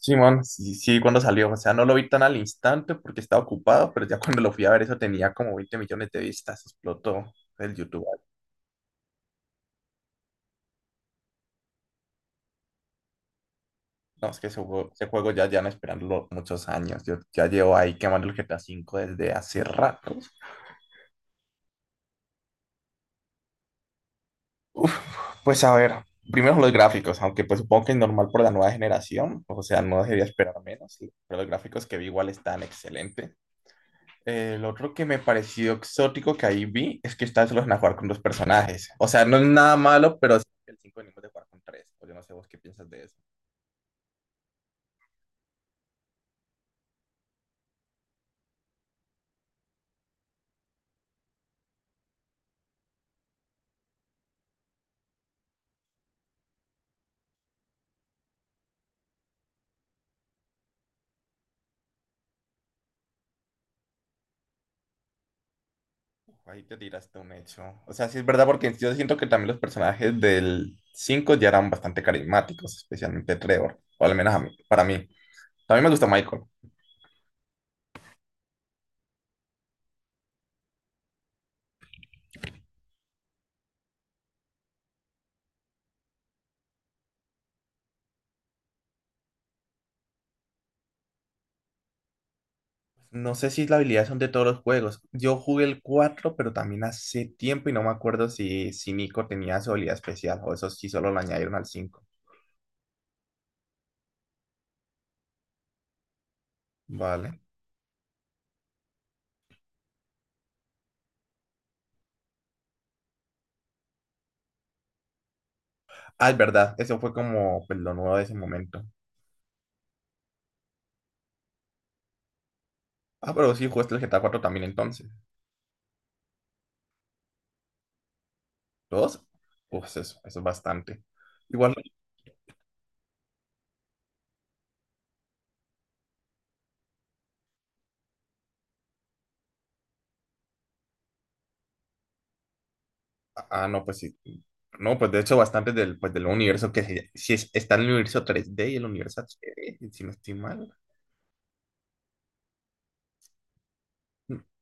Simón, sí, sí, cuando salió, o sea, no lo vi tan al instante porque estaba ocupado, pero ya cuando lo fui a ver eso tenía como 20 millones de vistas, explotó el YouTube. No, es que ese juego ya llevan esperándolo muchos años, yo ya llevo ahí quemando el GTA cinco desde hace rato. Uf, pues a ver, primero los gráficos, aunque pues supongo que es normal por la nueva generación, o sea, no debería esperar menos, sí, pero los gráficos que vi igual están excelentes. El otro que me pareció exótico que ahí vi es que esta vez lo van a jugar con dos personajes. O sea, no es nada malo, pero sí que el 5 venimos de jugar con tres. O yo no sé vos qué piensas de eso. Ahí te tiraste un hecho. O sea, sí es verdad porque yo siento que también los personajes del 5 ya eran bastante carismáticos, especialmente Trevor, o al menos para mí. También me gusta Michael. No sé si la habilidad son de todos los juegos. Yo jugué el 4, pero también hace tiempo y no me acuerdo si Nico tenía su habilidad especial o eso sí solo lo añadieron al cinco. Vale. Ah, es verdad, eso fue como pues, lo nuevo de ese momento. Ah, pero sí, jugaste el GTA cuatro también entonces. ¿Dos? Pues eso es bastante. Igual, ah, ah, no, pues sí. No, pues de hecho, bastante del, pues, del universo que se- si es- está en el universo 3D y el universo 3D si no estoy mal.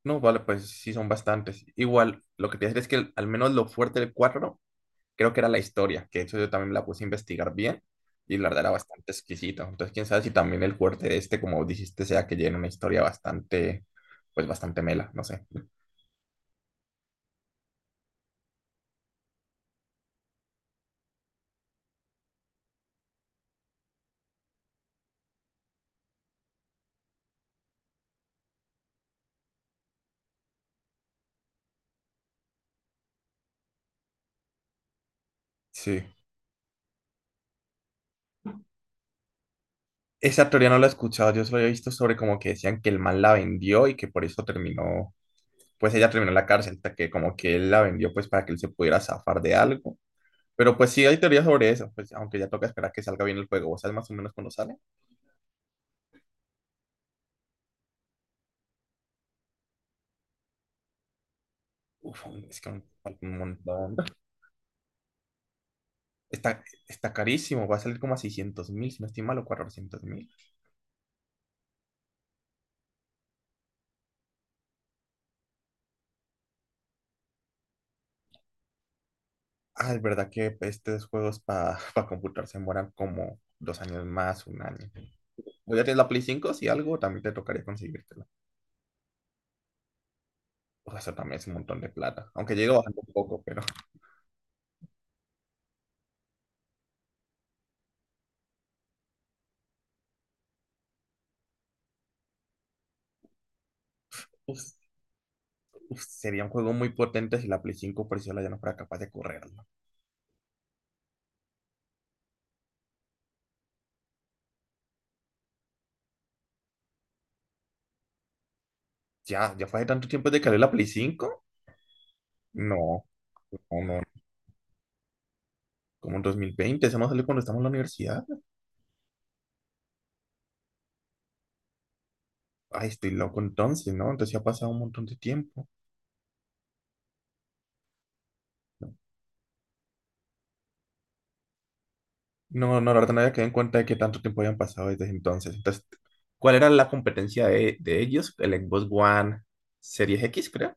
No, vale, pues sí son bastantes. Igual, lo que te voy a decir es que al menos lo fuerte del 4 creo que era la historia, que eso yo también la puse a investigar bien y la verdad era bastante exquisita. Entonces, quién sabe si también el fuerte de este, como dijiste, sea que llene una historia bastante, pues bastante mela, no sé. Sí. Esa teoría no la he escuchado, yo solo he visto sobre como que decían que el man la vendió y que por eso terminó, pues ella terminó en la cárcel, hasta que como que él la vendió pues para que él se pudiera zafar de algo. Pero pues sí hay teorías sobre eso, pues aunque ya toca esperar que salga bien el juego, ¿vos sabes más o menos cuándo sale? Uf, es que me falta un montón. Está, está carísimo, va a salir como a 600.000, si no estoy mal, o 400.000. Ah, es verdad que estos juegos para computar se demoran como 2 años más, un año. O ya tienes la Play cinco si algo, también te tocaría conseguírtela. Uf, eso también es un montón de plata. Aunque llega bajando un poco, pero uf, uf, sería un juego muy potente si la Play cinco por sí sola ya no fuera capaz de correrlo. Ya, ya fue hace tanto tiempo de que salió la Play cinco. No, no, no. Como en 2020 se nos salió cuando estamos en la universidad. Ay, estoy loco entonces, ¿no? Entonces ya ha pasado un montón de tiempo. No, no, la verdad no había quedado en cuenta de qué tanto tiempo habían pasado desde entonces. Entonces, ¿cuál era la competencia de ellos? El Xbox One Series X, creo.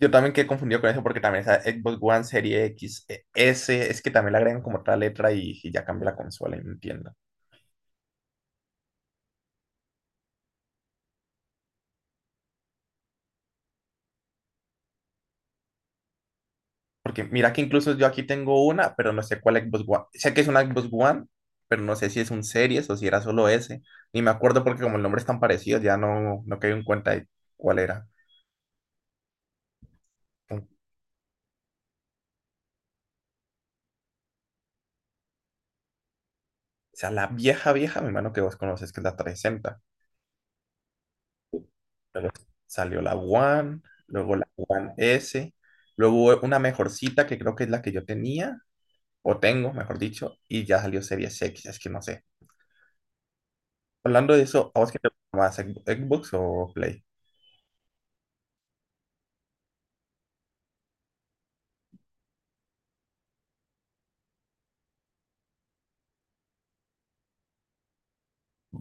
Yo también quedé confundido con eso porque también esa Xbox One Series X, S, es que también le agregan como otra letra y ya cambia la consola, y no entiendo. Porque mira que incluso yo aquí tengo una, pero no sé cuál Xbox One. Sé que es una Xbox One, pero no sé si es un Series o si era solo ese. Ni me acuerdo porque como el nombre es tan parecido, ya no caí en cuenta de cuál era. O sea, la vieja, vieja, mi hermano, que vos conoces, que es la 360. Luego salió la One, luego la One S, luego una mejorcita que creo que es la que yo tenía, o tengo, mejor dicho, y ya salió Series X, es que no sé. Hablando de eso, ¿a vos qué te gusta más, Xbox o Play?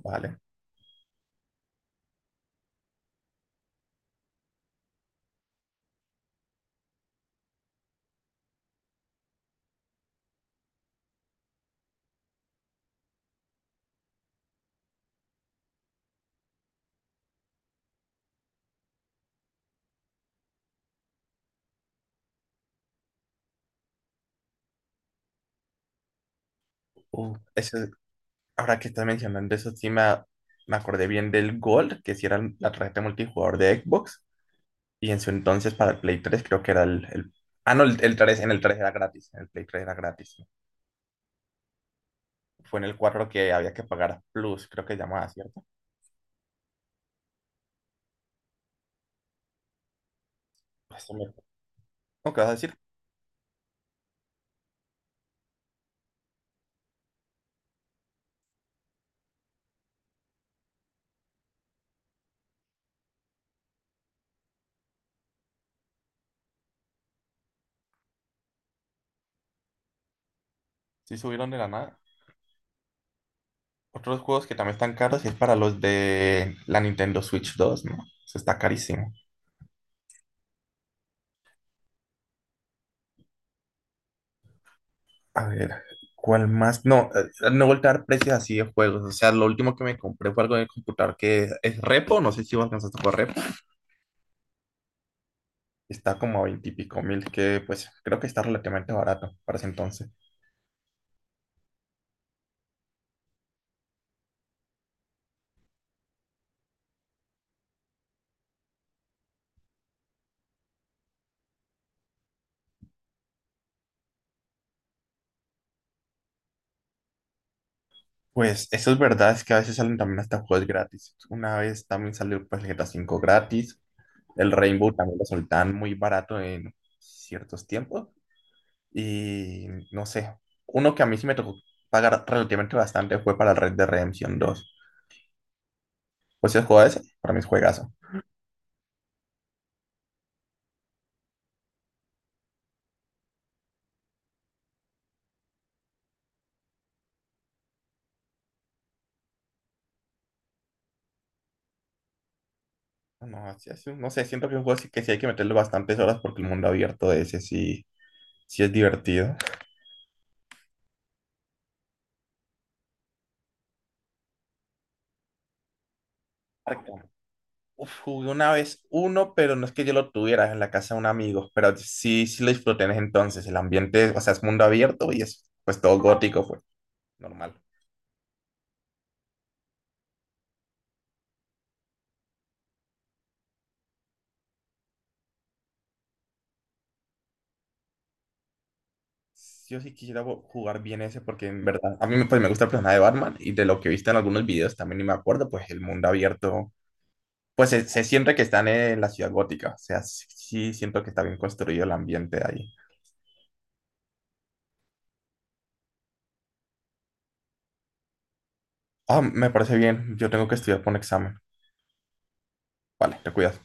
Vale. Uh, ese- ahora que estás mencionando eso, sí me acordé bien del Gold, que sí era la tarjeta multijugador de Xbox, y en su entonces para el Play tres creo que era ah, no, el 3 en el 3 era gratis, en el Play tres era gratis, ¿no? Fue en el 4 que había que pagar Plus, creo que llamaba, ¿cierto? Pues, se me- no, ¿qué vas a decir? Sí subieron de la nada. Otros juegos que también están caros es para los de la Nintendo Switch dos, ¿no? Eso está carísimo. A ver, ¿cuál más? No, no voltear precios así de juegos. O sea, lo último que me compré fue algo de computador que es Repo. No sé si vos alcanzaste por Repo. Está como a veintipico mil, que pues creo que está relativamente barato para ese entonces. Pues eso es verdad, es que a veces salen también hasta juegos gratis. Una vez también salió pues el GTA cinco gratis. El Rainbow también lo soltaban muy barato en ciertos tiempos. Y no sé, uno que a mí sí me tocó pagar relativamente bastante fue para el Red de Redemption dos. Pues si has jugado ese, para mí es juegazo. No, así es, no sé, siento que es un juego sí que sí hay que meterle bastantes horas porque el mundo abierto de ese sí, sí es divertido. Arkham. Uf, jugué una vez uno, pero no es que yo lo tuviera en la casa de un amigo, pero sí, sí lo disfruté en ese entonces. El ambiente, o sea, es mundo abierto y es pues todo gótico, pues normal. Yo sí quisiera jugar bien ese porque en verdad a mí pues, me gusta el personaje de Batman y de lo que he visto en algunos videos también y me acuerdo, pues el mundo abierto. Pues se siente que están en la ciudad gótica, o sea, sí, sí siento que está bien construido el ambiente ahí. Ah, me parece bien, yo tengo que estudiar por un examen. Vale, te cuidas.